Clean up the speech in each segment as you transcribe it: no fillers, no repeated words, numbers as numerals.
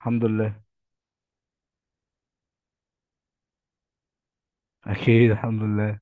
الحمد لله. اكيد الحمد لله.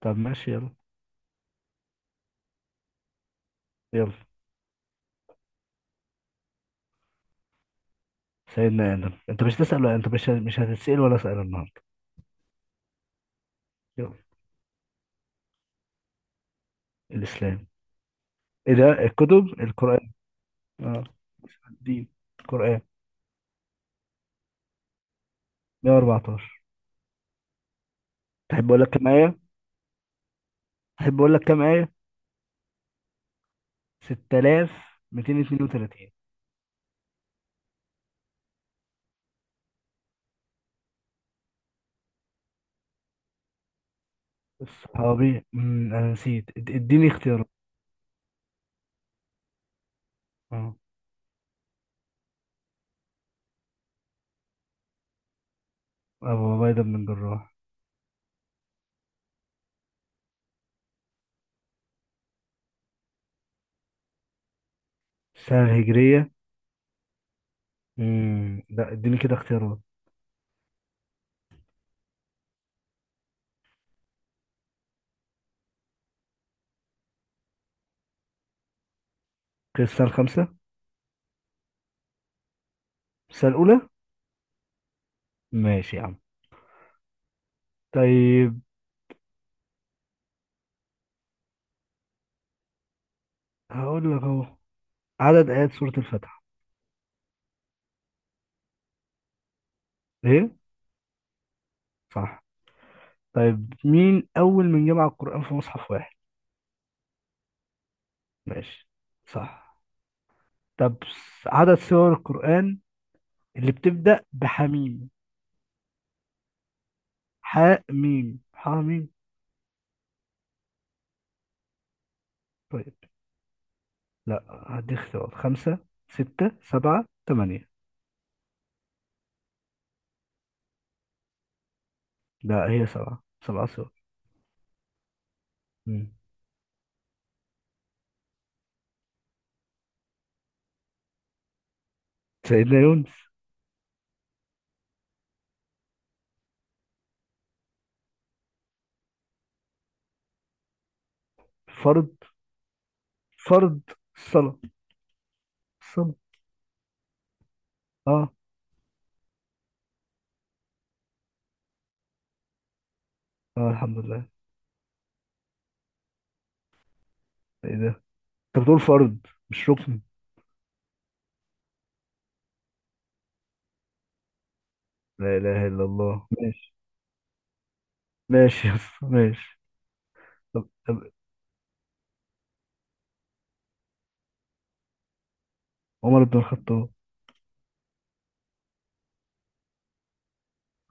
طب ماشي، يلا. يلا. سيدنا ادم. انت مش تسأل؟ ولا انت مش هتتسأل ولا سأل النهارده؟ يلا. الاسلام. ايه ده؟ الكتب القرآن. اه الدين. القرآن 114. تحب اقول لك كام آية؟ تحب اقول لك كام آية. 6232. الصحابي انا نسيت. اديني اختيارات. اه، ابو عبيدة بن الجراح. السنة الهجرية. لا، اديني كده اختيارات. السنة الخامسة. السنة الأولى. ماشي يا عم. طيب هقول لك اهو: عدد آيات سورة الفاتحة؟ ايه؟ صح. طيب، مين أول من جمع القرآن في مصحف واحد؟ ماشي، صح. طب عدد سور القرآن اللي بتبدأ بحميم، حاء ميم حاء ميم. طيب لا، هدي اختيارات: خمسة، ستة، سبعة، ثمانية. لا، هي سبعة. سبعة سور. مم. سيدنا يونس. فرض. فرض. الصلاة. الصلاة. اه. اه الحمد لله. ايه ده؟ انت بتقول فرض مش ركن. لا إله إلا الله. ماشي يس، ماشي. طب. عمر بن الخطاب.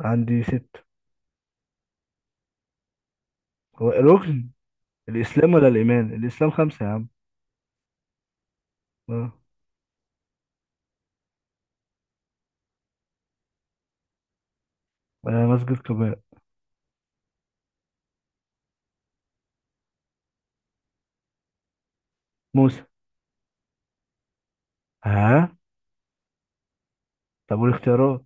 عندي ست. هو الركن الإسلام ولا الإيمان؟ الإسلام خمسة يا عم. اه. آه، مسجد قباء. موسى. ها؟ طب والاختيارات؟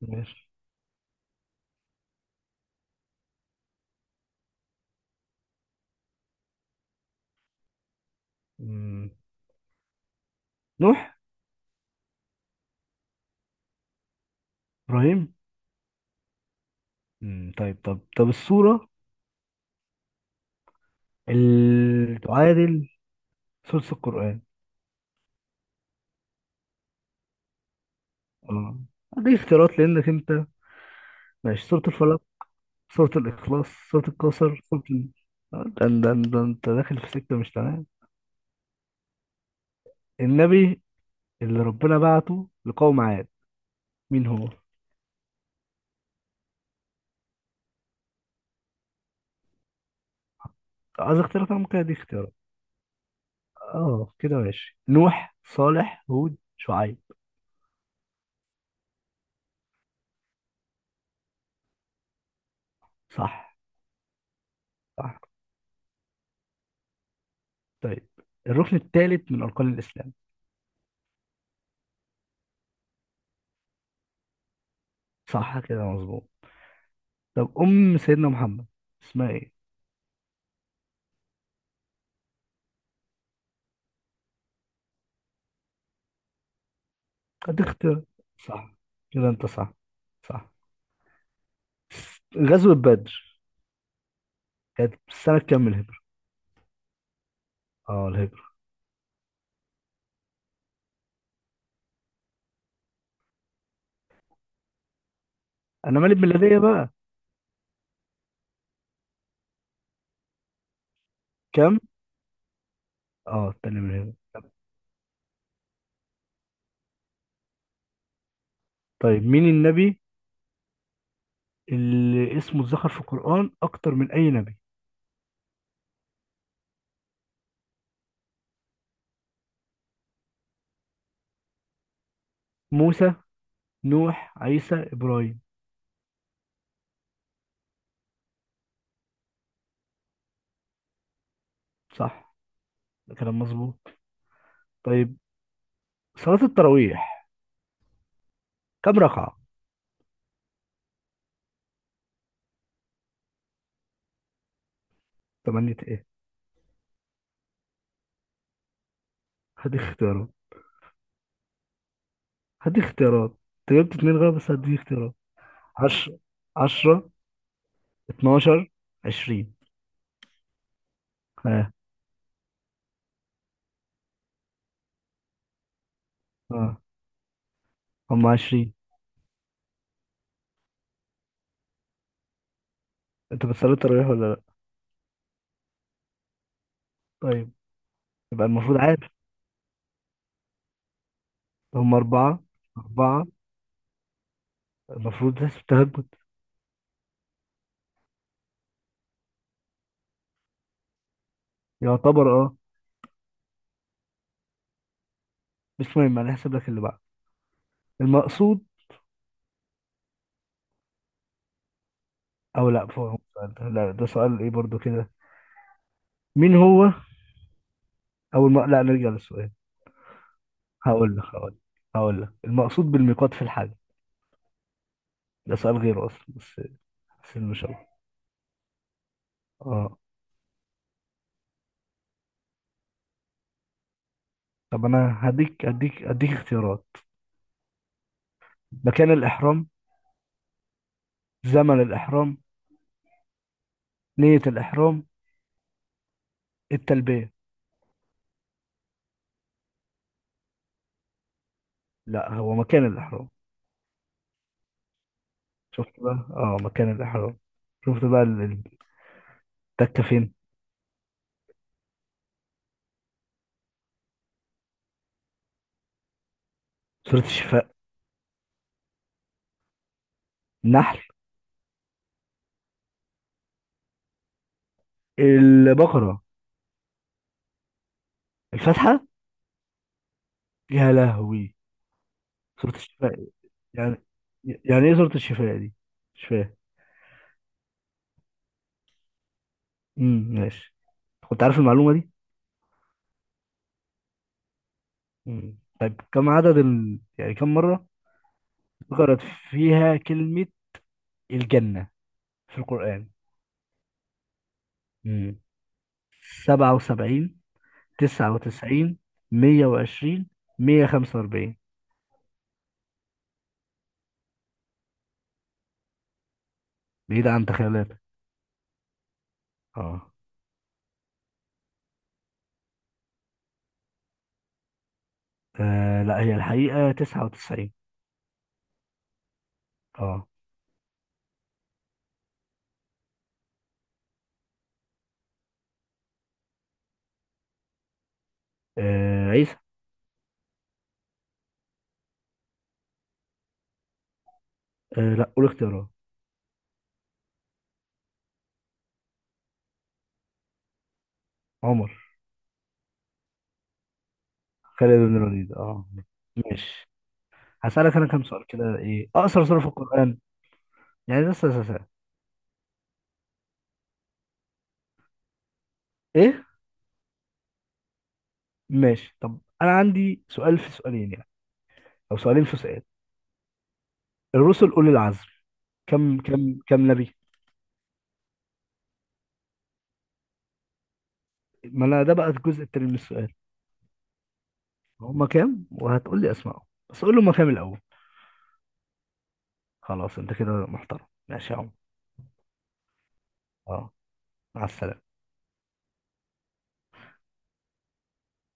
ماشي. مم. نوح. إبراهيم. مم. طيب، طب السورة اللي تعادل سورة القرآن. اه دي اختيارات لأنك أنت. ماشي: سورة الفلق، سورة الإخلاص، سورة الكوثر، سورة ال... آه، ده أنت داخل في سكة مش تمام. النبي اللي ربنا بعته لقوم عاد، مين هو؟ عايز اختيارات. انا ممكن ادي اختيارات. اه كده ماشي: نوح، صالح، هود، شعيب. صح. صح. طيب، الركن الثالث من اركان الاسلام. صح كده، مظبوط. طب ام سيدنا محمد اسمها ايه؟ ادي اختيارات. صح. كده انت صح. صح. غزوة بدر كانت سنة كام من الهجرة؟ اه، الهجرة. انا مالي بميلادية بقى. كام؟ اه، التانية من الهجرة. طيب مين النبي اللي اسمه اتذكر في القرآن أكتر من أي نبي؟ موسى، نوح، عيسى، إبراهيم. صح. ده كلام مظبوط. طيب، صلاة التراويح كم ركعة؟ تمانية؟ ايه؟ هدي اختيارات. هدي اختيارات. انت جبت اتنين غلط، بس هدي اختيارات: عشرة، عشرة، اتناشر، عشرين. ها. ها. هم عشرين. انت بتصلي التراويح ولا لا؟ طيب. يبقى المفروض عارف. هم أربعة. أربعة. المفروض تحسب تهجد. يعتبر اه. بس المهم انا هحسب لك اللي بعد المقصود. او لا، فوق السؤال ده، لا ده سؤال ايه برضو كده. مين هو أول، ما لا نرجع للسؤال. هقول لك هقول لك هقول لك المقصود بالميقات في الحج. ده سؤال غير أصلا. بس إن شاء الله. أه، طب أنا هديك أديك أديك اختيارات: مكان الإحرام، زمن الإحرام، نية الإحرام، التلبية. لا، هو مكان الإحرام. شفت بقى؟ أه، مكان الإحرام. شفت بقى التكة فين. سورة الشفاء. النحل. البقرة. الفاتحة. يا لهوي. سورة الشفاء يعني؟ يعني إيه سورة الشفاء دي؟ مش فاهم. امم ماشي، كنت عارف المعلومة دي. طيب كم عدد ال... يعني كم مرة ذكرت فيها كلمة الجنة في القرآن؟ امم 77، 99، 120، 145؟ بعيدة عن تخيلاتك. اه. آه، لا، هي الحقيقة 99. اه. آه، عيسى. آه، لا، قول اختيارات. عمر. خالد بن الوليد. اه، ماشي. هسألك انا كم سؤال كده: ايه اقصر سورة في القرآن؟ يعني لسه. ايه؟ ماشي. طب انا عندي سؤال في سؤالين يعني، او سؤالين في سؤال. الرسل اولي العزم كم نبي؟ ما انا ده بقى الجزء التاني من السؤال. هما كام وهتقول لي اسمائهم؟ بس قول لي هما كام الاول. خلاص، انت كده محترم. ماشي يا عم. اه. مع السلامه.